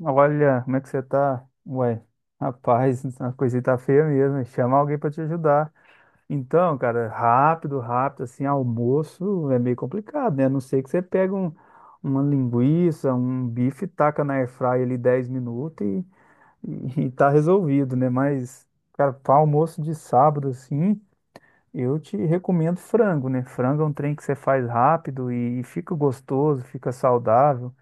Olha, como é que você tá? Ué, rapaz, a coisa tá feia mesmo, hein? Chama alguém pra te ajudar. Então, cara, rápido, rápido, assim, almoço é meio complicado, né? A não ser que você pega uma linguiça, um bife, taca na airfryer ali 10 minutos e tá resolvido, né? Mas, cara, para almoço de sábado, assim, eu te recomendo frango, né? Frango é um trem que você faz rápido e fica gostoso, fica saudável.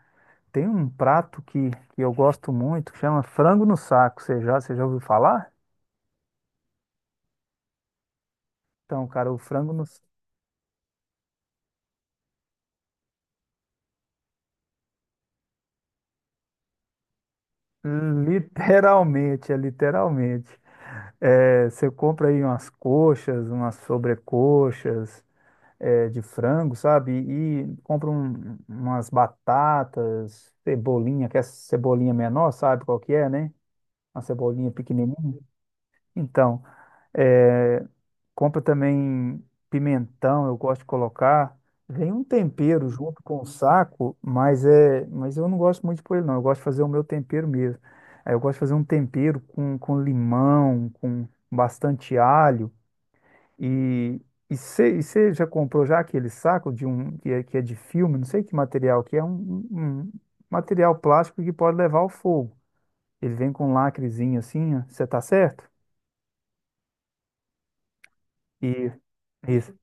Tem um prato que eu gosto muito, que chama frango no saco. Você já ouviu falar? Então, cara, o frango no... literalmente. É, você compra aí umas coxas, umas sobrecoxas de frango, sabe? E compra umas batatas, cebolinha, que é cebolinha menor, sabe qual que é, né? Uma cebolinha pequenininha. Então, é, Compra também pimentão, eu gosto de colocar. Vem um tempero junto com o saco, mas eu não gosto muito de pôr ele, não. Eu gosto de fazer o meu tempero mesmo. Aí eu gosto de fazer um tempero com limão, com bastante alho. E e você já comprou já aquele saco de um que é de filme, não sei que material, que é um material plástico que pode levar ao fogo. Ele vem com um lacrezinho assim, você tá certo? E isso.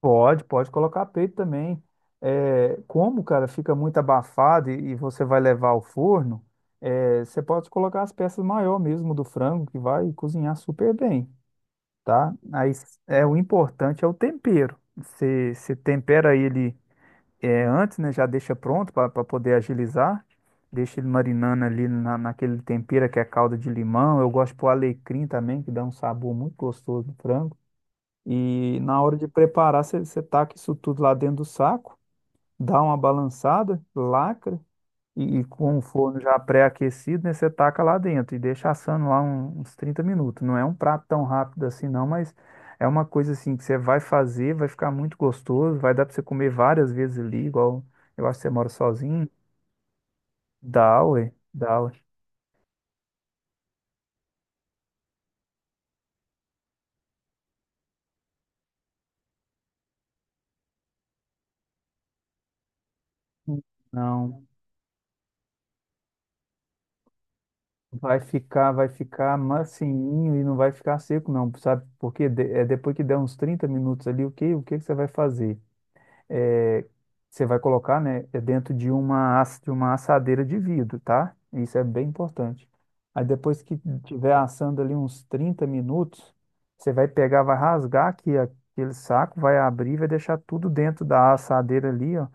Pode, pode colocar peito também. É, como, cara, fica muito abafado e você vai levar ao forno, você pode colocar as peças maior mesmo do frango, que vai cozinhar super bem, tá? Aí, o importante é o tempero. Você tempera ele antes, né? Já deixa pronto para poder agilizar. Deixa ele marinando ali naquele tempero que é calda de limão. Eu gosto de pôr alecrim também, que dá um sabor muito gostoso no frango. E na hora de preparar, você taca isso tudo lá dentro do saco, dá uma balançada, lacra, e com o forno já pré-aquecido, né, você taca lá dentro e deixa assando lá uns 30 minutos. Não é um prato tão rápido assim, não, mas é uma coisa assim que você vai fazer, vai ficar muito gostoso, vai dar para você comer várias vezes ali, igual eu acho que você mora sozinho. Dá, ué, dá, ué. Não. Vai ficar macinho e não vai ficar seco, não, sabe? Porque é depois que der uns 30 minutos ali, o que que você vai fazer? É, você vai colocar, né, é dentro de uma assadeira de vidro, tá? Isso é bem importante. Aí depois que tiver assando ali uns 30 minutos, você vai pegar, vai rasgar aqui aquele saco, vai abrir, vai deixar tudo dentro da assadeira ali, ó,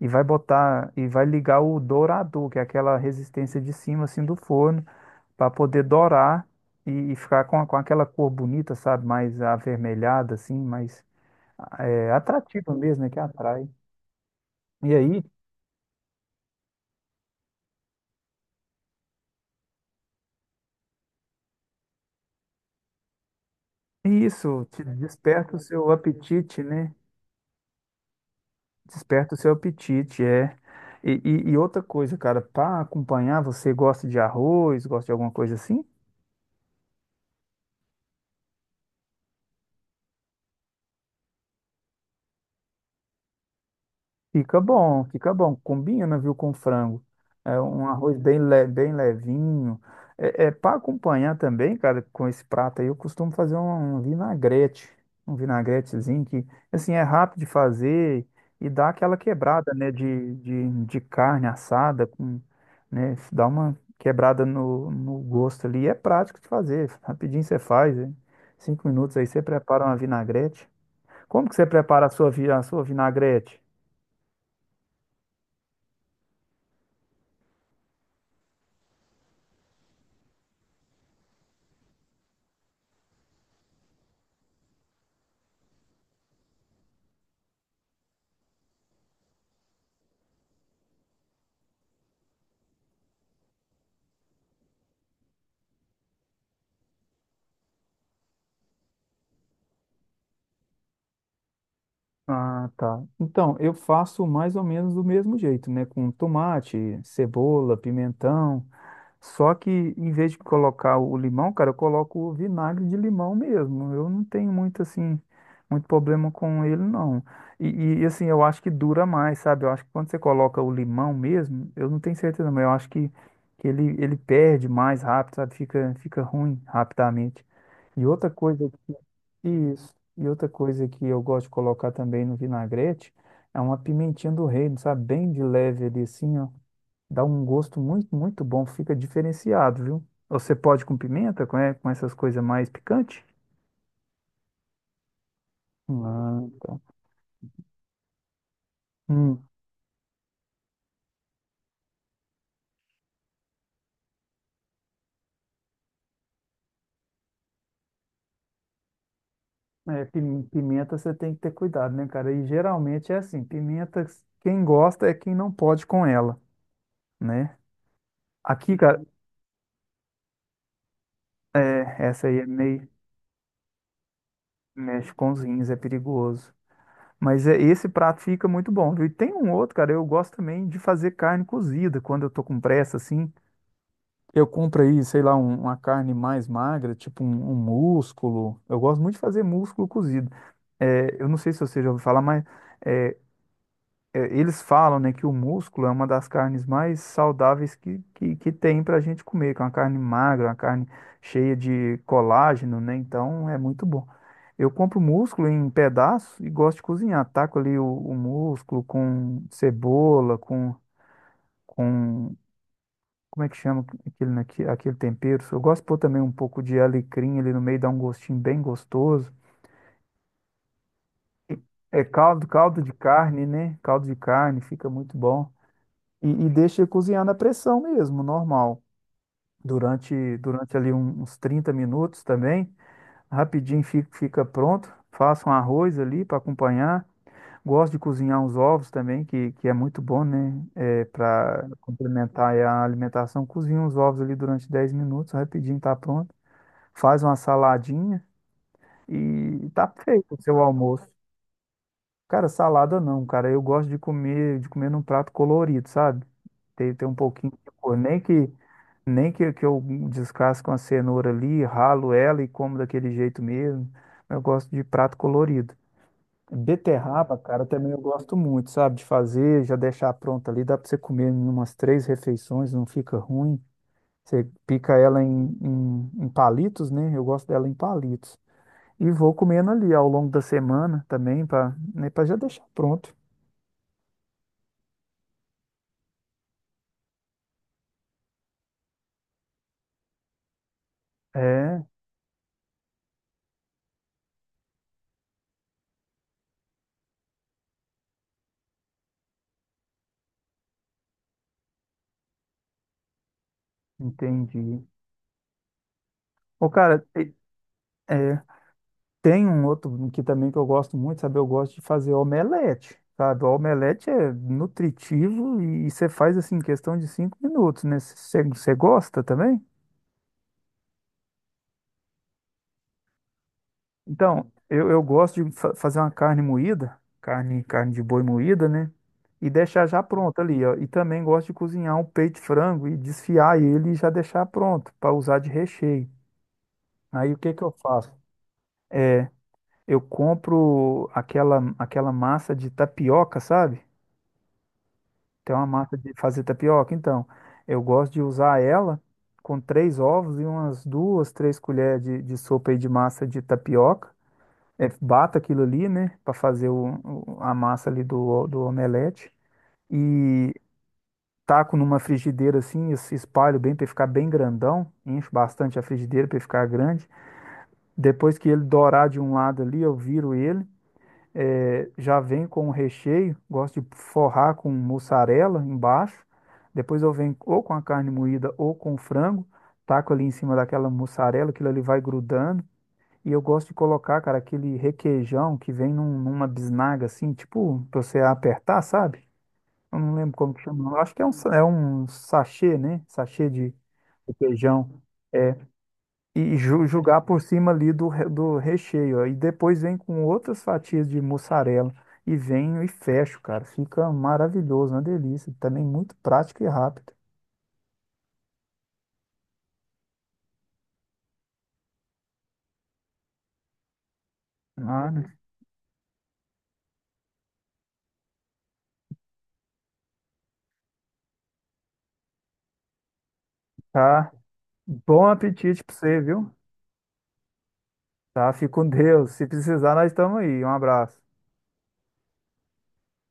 e vai botar, e vai ligar o dourador, que é aquela resistência de cima, assim, do forno para poder dourar e ficar com aquela cor bonita, sabe? Mais avermelhada, assim, mais atrativa mesmo, né? Que atrai. E aí, isso te desperta o seu apetite, né? Desperta o seu apetite, é. E outra coisa, cara, para acompanhar, você gosta de arroz, gosta de alguma coisa assim? Fica bom, fica bom. Combina, viu, com frango. É um arroz bem levinho. É para acompanhar também, cara, com esse prato aí, eu costumo fazer um vinagrete. Um vinagretezinho que, assim, é rápido de fazer e dá aquela quebrada, né, de carne assada, com, né, dá uma quebrada no gosto ali. E é prático de fazer. Rapidinho você faz, hein? 5 minutos aí você prepara uma vinagrete. Como que você prepara a sua vinagrete? Ah, tá. Então, eu faço mais ou menos do mesmo jeito, né? Com tomate, cebola, pimentão. Só que em vez de colocar o limão, cara, eu coloco o vinagre de limão mesmo. Eu não tenho muito assim, muito problema com ele, não. E, assim, eu acho que dura mais, sabe? Eu acho que quando você coloca o limão mesmo, eu não tenho certeza, mas eu acho que ele, ele perde mais rápido, sabe? Fica ruim rapidamente. E outra coisa isso. E outra coisa que eu gosto de colocar também no vinagrete é uma pimentinha do reino, sabe? Bem de leve ali assim, ó. Dá um gosto muito, muito bom, fica diferenciado, viu? Você pode com pimenta, com essas coisas mais picantes? Ah, tá. Hum. É, pimenta você tem que ter cuidado, né, cara? E geralmente é assim, pimenta quem gosta é quem não pode com ela, né? Aqui, cara, essa aí é meio mexe com os rins, é perigoso. Mas esse prato fica muito bom, viu? E tem um outro, cara, eu gosto também de fazer carne cozida quando eu tô com pressa, assim. Eu compro aí, sei lá, uma carne mais magra, tipo um músculo. Eu gosto muito de fazer músculo cozido. É, eu não sei se você já ouviu falar, mas é, eles falam, né, que o músculo é uma das carnes mais saudáveis que tem para a gente comer, que é uma carne magra, uma carne cheia de colágeno, né? Então é muito bom. Eu compro músculo em pedaços e gosto de cozinhar. Taco ali o músculo com cebola, com. Como é que chama aquele tempero? Eu gosto de pôr também um pouco de alecrim ali no meio, dá um gostinho bem gostoso. É caldo, caldo de carne, né? Caldo de carne, fica muito bom. E deixa ele cozinhar na pressão mesmo, normal. Durante ali uns 30 minutos também, rapidinho fica pronto. Faça um arroz ali para acompanhar. Gosto de cozinhar uns ovos também, que é muito bom, né? É, para complementar aí a alimentação. Cozinha uns ovos ali durante 10 minutos, rapidinho tá pronto. Faz uma saladinha e tá feito o seu almoço. Cara, salada não, cara. Eu gosto de comer num prato colorido, sabe? Tem um pouquinho de cor. Nem que eu descasco uma cenoura ali, ralo ela e como daquele jeito mesmo. Eu gosto de prato colorido. Beterraba, cara, também eu gosto muito, sabe? De fazer, já deixar pronta ali. Dá pra você comer em umas 3 refeições, não fica ruim. Você pica ela em palitos, né? Eu gosto dela em palitos. E vou comendo ali ao longo da semana também, para já deixar pronto. É, entendi. Ô, cara, é, tem um outro que também que eu gosto muito, sabe? Eu gosto de fazer omelete, sabe? O omelete é nutritivo e você faz assim em questão de 5 minutos, né? Você gosta também? Então, eu gosto de fazer uma carne moída, carne de boi moída, né? E deixar já pronto ali, ó. E também gosto de cozinhar um peito de frango e desfiar ele e já deixar pronto para usar de recheio. Aí o que que eu faço? É, Eu compro aquela massa de tapioca, sabe? Tem uma massa de fazer tapioca. Então, eu gosto de usar ela com 3 ovos e umas duas, três colheres de sopa aí de massa de tapioca. É, bato aquilo ali, né? Para fazer a massa ali do omelete. E taco numa frigideira assim, espalho bem para ficar bem grandão. Encho bastante a frigideira para ficar grande. Depois que ele dourar de um lado ali, eu viro ele. Já vem com o recheio, gosto de forrar com mussarela embaixo. Depois eu venho ou com a carne moída ou com o frango, taco ali em cima daquela mussarela, aquilo ali vai grudando. E eu gosto de colocar, cara, aquele requeijão que vem numa bisnaga assim, tipo, pra você apertar, sabe? Eu não lembro como que chama. Eu acho que é um sachê, né? Sachê de requeijão. É, e julgar por cima ali do recheio. E depois vem com outras fatias de mussarela. E venho e fecho, cara. Fica maravilhoso, uma delícia. Também muito prático e rápido. Mano, tá. Bom apetite pra você, viu? Tá, fique com Deus. Se precisar, nós estamos aí. Um abraço.